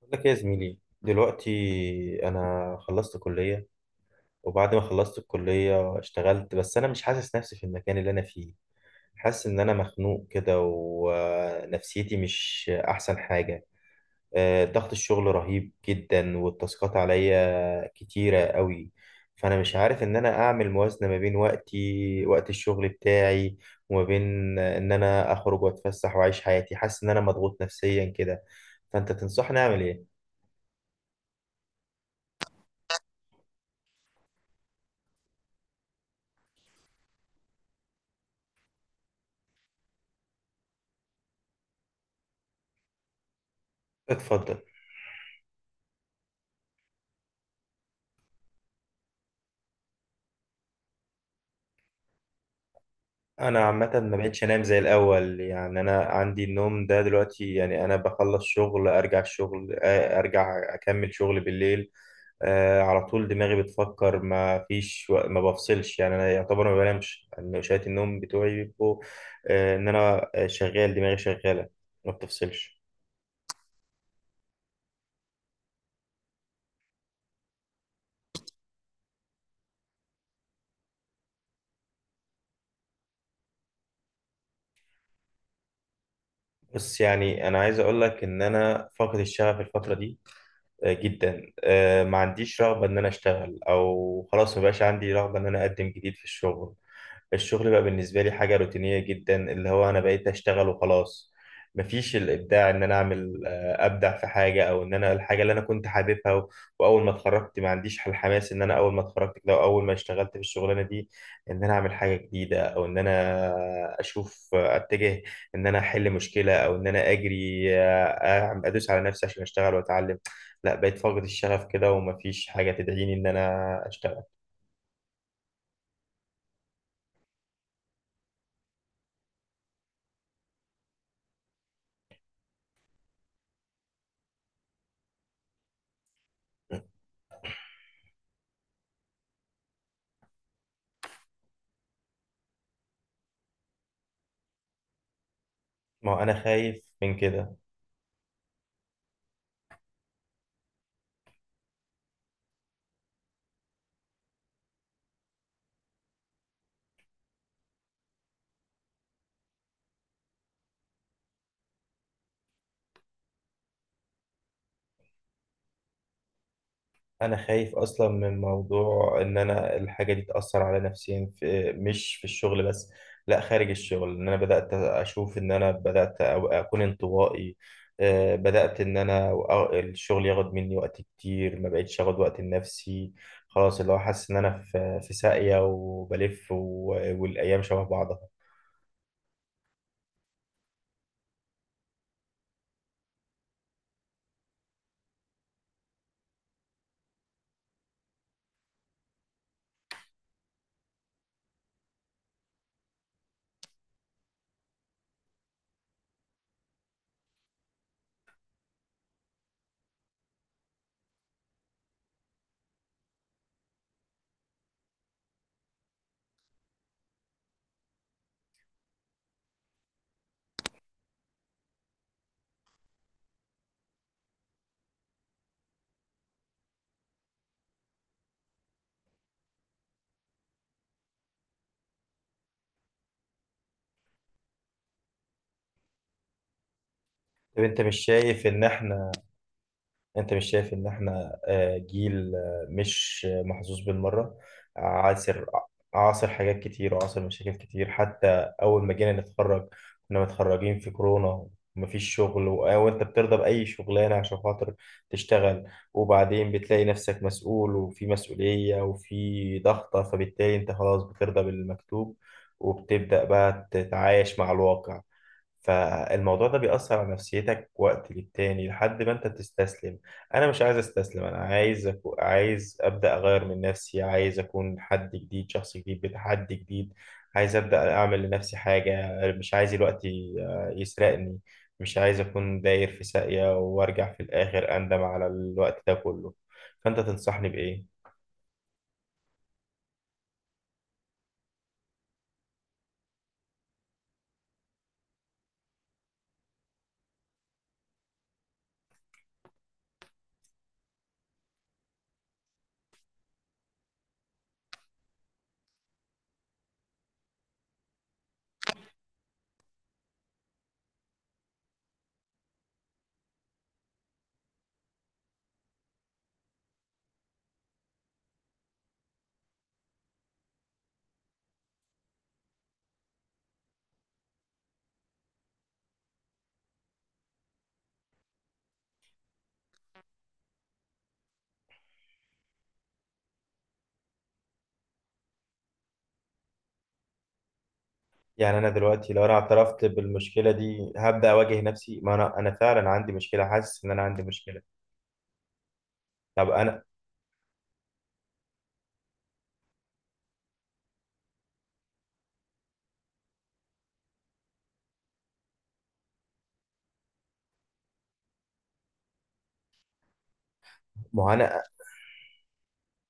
بقول لك إيه يا زميلي دلوقتي. انا خلصت كلية، وبعد ما خلصت الكلية اشتغلت بس انا مش حاسس نفسي في المكان اللي انا فيه. حاسس ان انا مخنوق كده ونفسيتي مش احسن حاجة. ضغط الشغل رهيب جدا والتاسكات عليا كتيرة قوي. فانا مش عارف ان انا اعمل موازنة ما بين وقتي وقت الشغل بتاعي وما بين ان انا اخرج واتفسح واعيش حياتي. حاسس ان انا مضغوط نفسيا كده. فانت تنصحني اعمل ايه؟ اتفضل. انا عامه ما بقتش انام زي الاول، يعني انا عندي النوم ده دلوقتي، يعني انا بخلص شغل ارجع الشغل، ارجع اكمل شغل بالليل. على طول دماغي بتفكر، ما فيش ما بفصلش، يعني انا يعتبر ما بنامش، يعني شويه النوم بتوعي بيبقوا ان انا شغال، دماغي شغاله ما بتفصلش. بس يعني انا عايز اقول لك ان انا فاقد الشغف الفتره دي جدا. ما عنديش رغبه ان انا اشتغل، او خلاص ما بقاش عندي رغبه ان انا اقدم جديد في الشغل. الشغل بقى بالنسبة لي حاجة روتينية جدا، اللي هو أنا بقيت أشتغل وخلاص. مفيش الإبداع، إن أنا أعمل أبدع في حاجة، أو إن أنا الحاجة اللي أنا كنت حاببها وأول ما اتخرجت، ما عنديش الحماس إن أنا أول ما اتخرجت كده وأول ما اشتغلت في الشغلانة دي، إن أنا أعمل حاجة جديدة أو إن أنا أشوف أتجه، إن أنا أحل مشكلة أو إن أنا أجري أدوس على نفسي عشان أشتغل وأتعلم. لا، بقيت فاقد الشغف كده، ومفيش حاجة تدعيني إن أنا أشتغل. ما هو أنا خايف من كده. انا خايف اصلا من موضوع ان انا الحاجه دي تاثر على نفسيا، في مش في الشغل بس، لا خارج الشغل، ان انا بدات اشوف ان انا بدات اكون انطوائي. بدات ان انا الشغل ياخد مني وقت كتير، ما بقتش اخد وقت لنفسي. خلاص، اللي هو حاسس ان انا في ساقيه وبلف، والايام شبه بعضها. طب انت مش شايف ان احنا انت مش شايف ان احنا جيل مش محظوظ بالمرة؟ عاصر عاصر حاجات كتير وعاصر مشاكل كتير، حتى اول ما جينا نتخرج كنا متخرجين في كورونا، ومفيش شغل، وانت بترضى بأي شغلانة عشان خاطر تشتغل. وبعدين بتلاقي نفسك مسؤول، وفي مسؤولية، وفي ضغطة، فبالتالي انت خلاص بترضى بالمكتوب، وبتبدأ بقى تتعايش مع الواقع. فالموضوع ده بيأثر على نفسيتك وقت للتاني لحد ما انت تستسلم. انا مش عايز استسلم، انا عايز ابدا اغير من نفسي، عايز اكون حد جديد، شخص جديد بتحدي جديد. عايز ابدا اعمل لنفسي حاجه، مش عايز الوقت يسرقني، مش عايز اكون داير في ساقية وارجع في الاخر اندم على الوقت ده كله. فانت تنصحني بايه؟ يعني انا دلوقتي لو انا اعترفت بالمشكله دي، هبدا اواجه نفسي، ما انا فعلا عندي مشكله، حاسس ان انا عندي مشكله. طب انا ما هو انا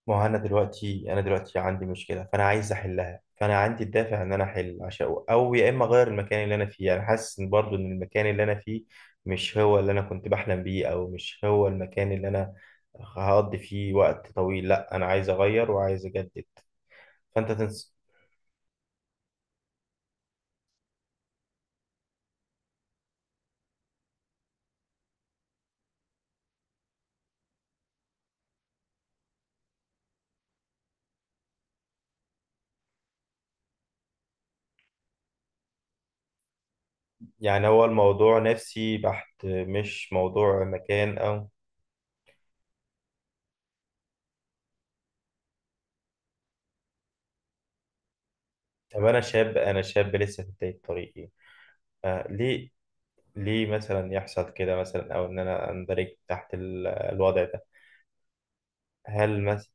ما هو انا دلوقتي انا دلوقتي عندي مشكله، فانا عايز احلها، فانا عندي الدافع ان انا احل، عشان او يا اما اغير المكان اللي انا فيه. انا حاسس ان برضو ان المكان اللي انا فيه مش هو اللي انا كنت بحلم بيه، او مش هو المكان اللي انا هقضي فيه وقت طويل. لا، انا عايز اغير وعايز اجدد. فانت تنس يعني هو الموضوع نفسي بحت، مش موضوع مكان او... طب انا شاب، لسه في بدايه طريقي. آه ليه ليه مثلا يحصل كده، مثلا او ان انا اندرج تحت الوضع ده؟ هل مثلا...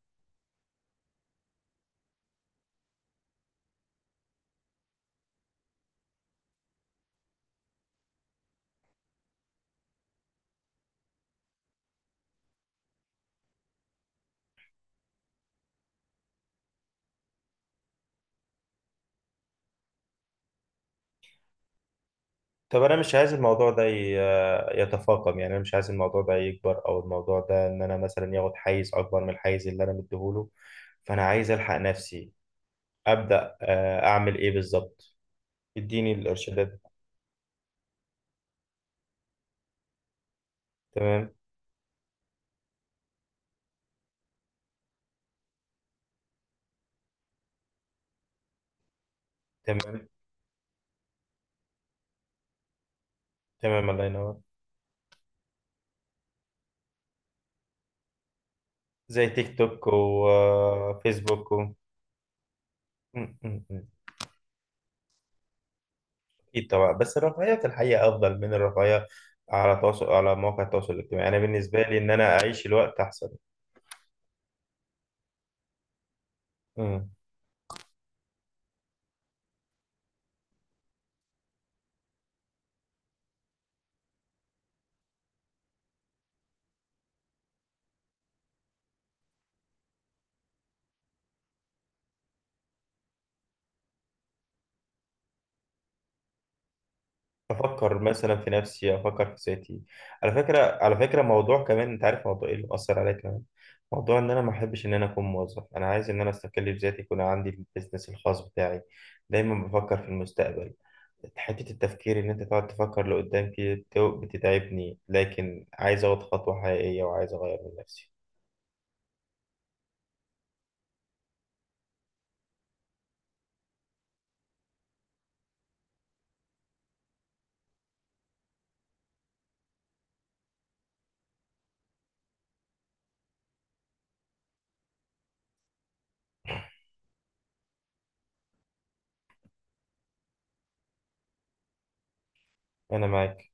طب انا مش عايز الموضوع ده يتفاقم، يعني انا مش عايز الموضوع ده يكبر، او الموضوع ده ان انا مثلا ياخد حيز اكبر من الحيز اللي انا مديهوله. فانا عايز الحق نفسي، ابدا اعمل ايه بالظبط؟ اديني الارشادات. تمام. تمام. تمام، الله ينور. زي تيك توك وفيسبوك و... م- م- م. اكيد طبعا، بس الرفاهيه في الحقيقه افضل من الرفاهيه على تواصل على مواقع التواصل الاجتماعي، انا بالنسبه لي ان انا اعيش الوقت احسن. م. افكر مثلا في نفسي، افكر في ذاتي. على فكره، موضوع كمان، انت عارف موضوع ايه اللي مأثر عليا كمان؟ موضوع ان انا ما احبش ان انا اكون موظف، انا عايز ان انا استقل بذاتي، يكون عندي البيزنس الخاص بتاعي. دايما بفكر في المستقبل، حته التفكير ان انت تقعد تفكر لقدام كده بتتعبني، لكن عايز اخد خطوه حقيقيه وعايز اغير من نفسي. انا معاك.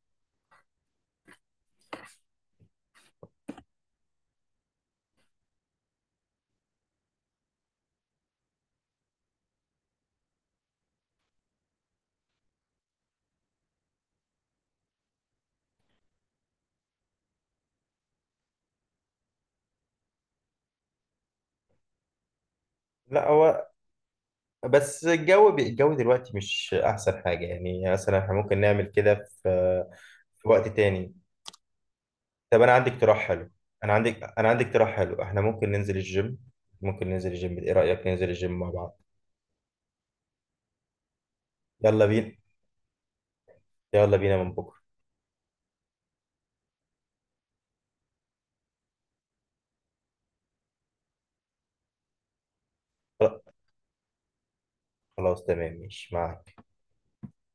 لا هو... بس الجو دلوقتي مش احسن حاجه، يعني مثلا احنا ممكن نعمل كده في في وقت تاني. طب انا عندي اقتراح حلو، انا عندي انا عندي اقتراح حلو، احنا ممكن ننزل الجيم، ممكن ننزل الجيم، ايه رأيك ننزل الجيم مع بعض؟ يلا بينا. يلا بينا من بكره. خلاص، تمام، ماشي معاك.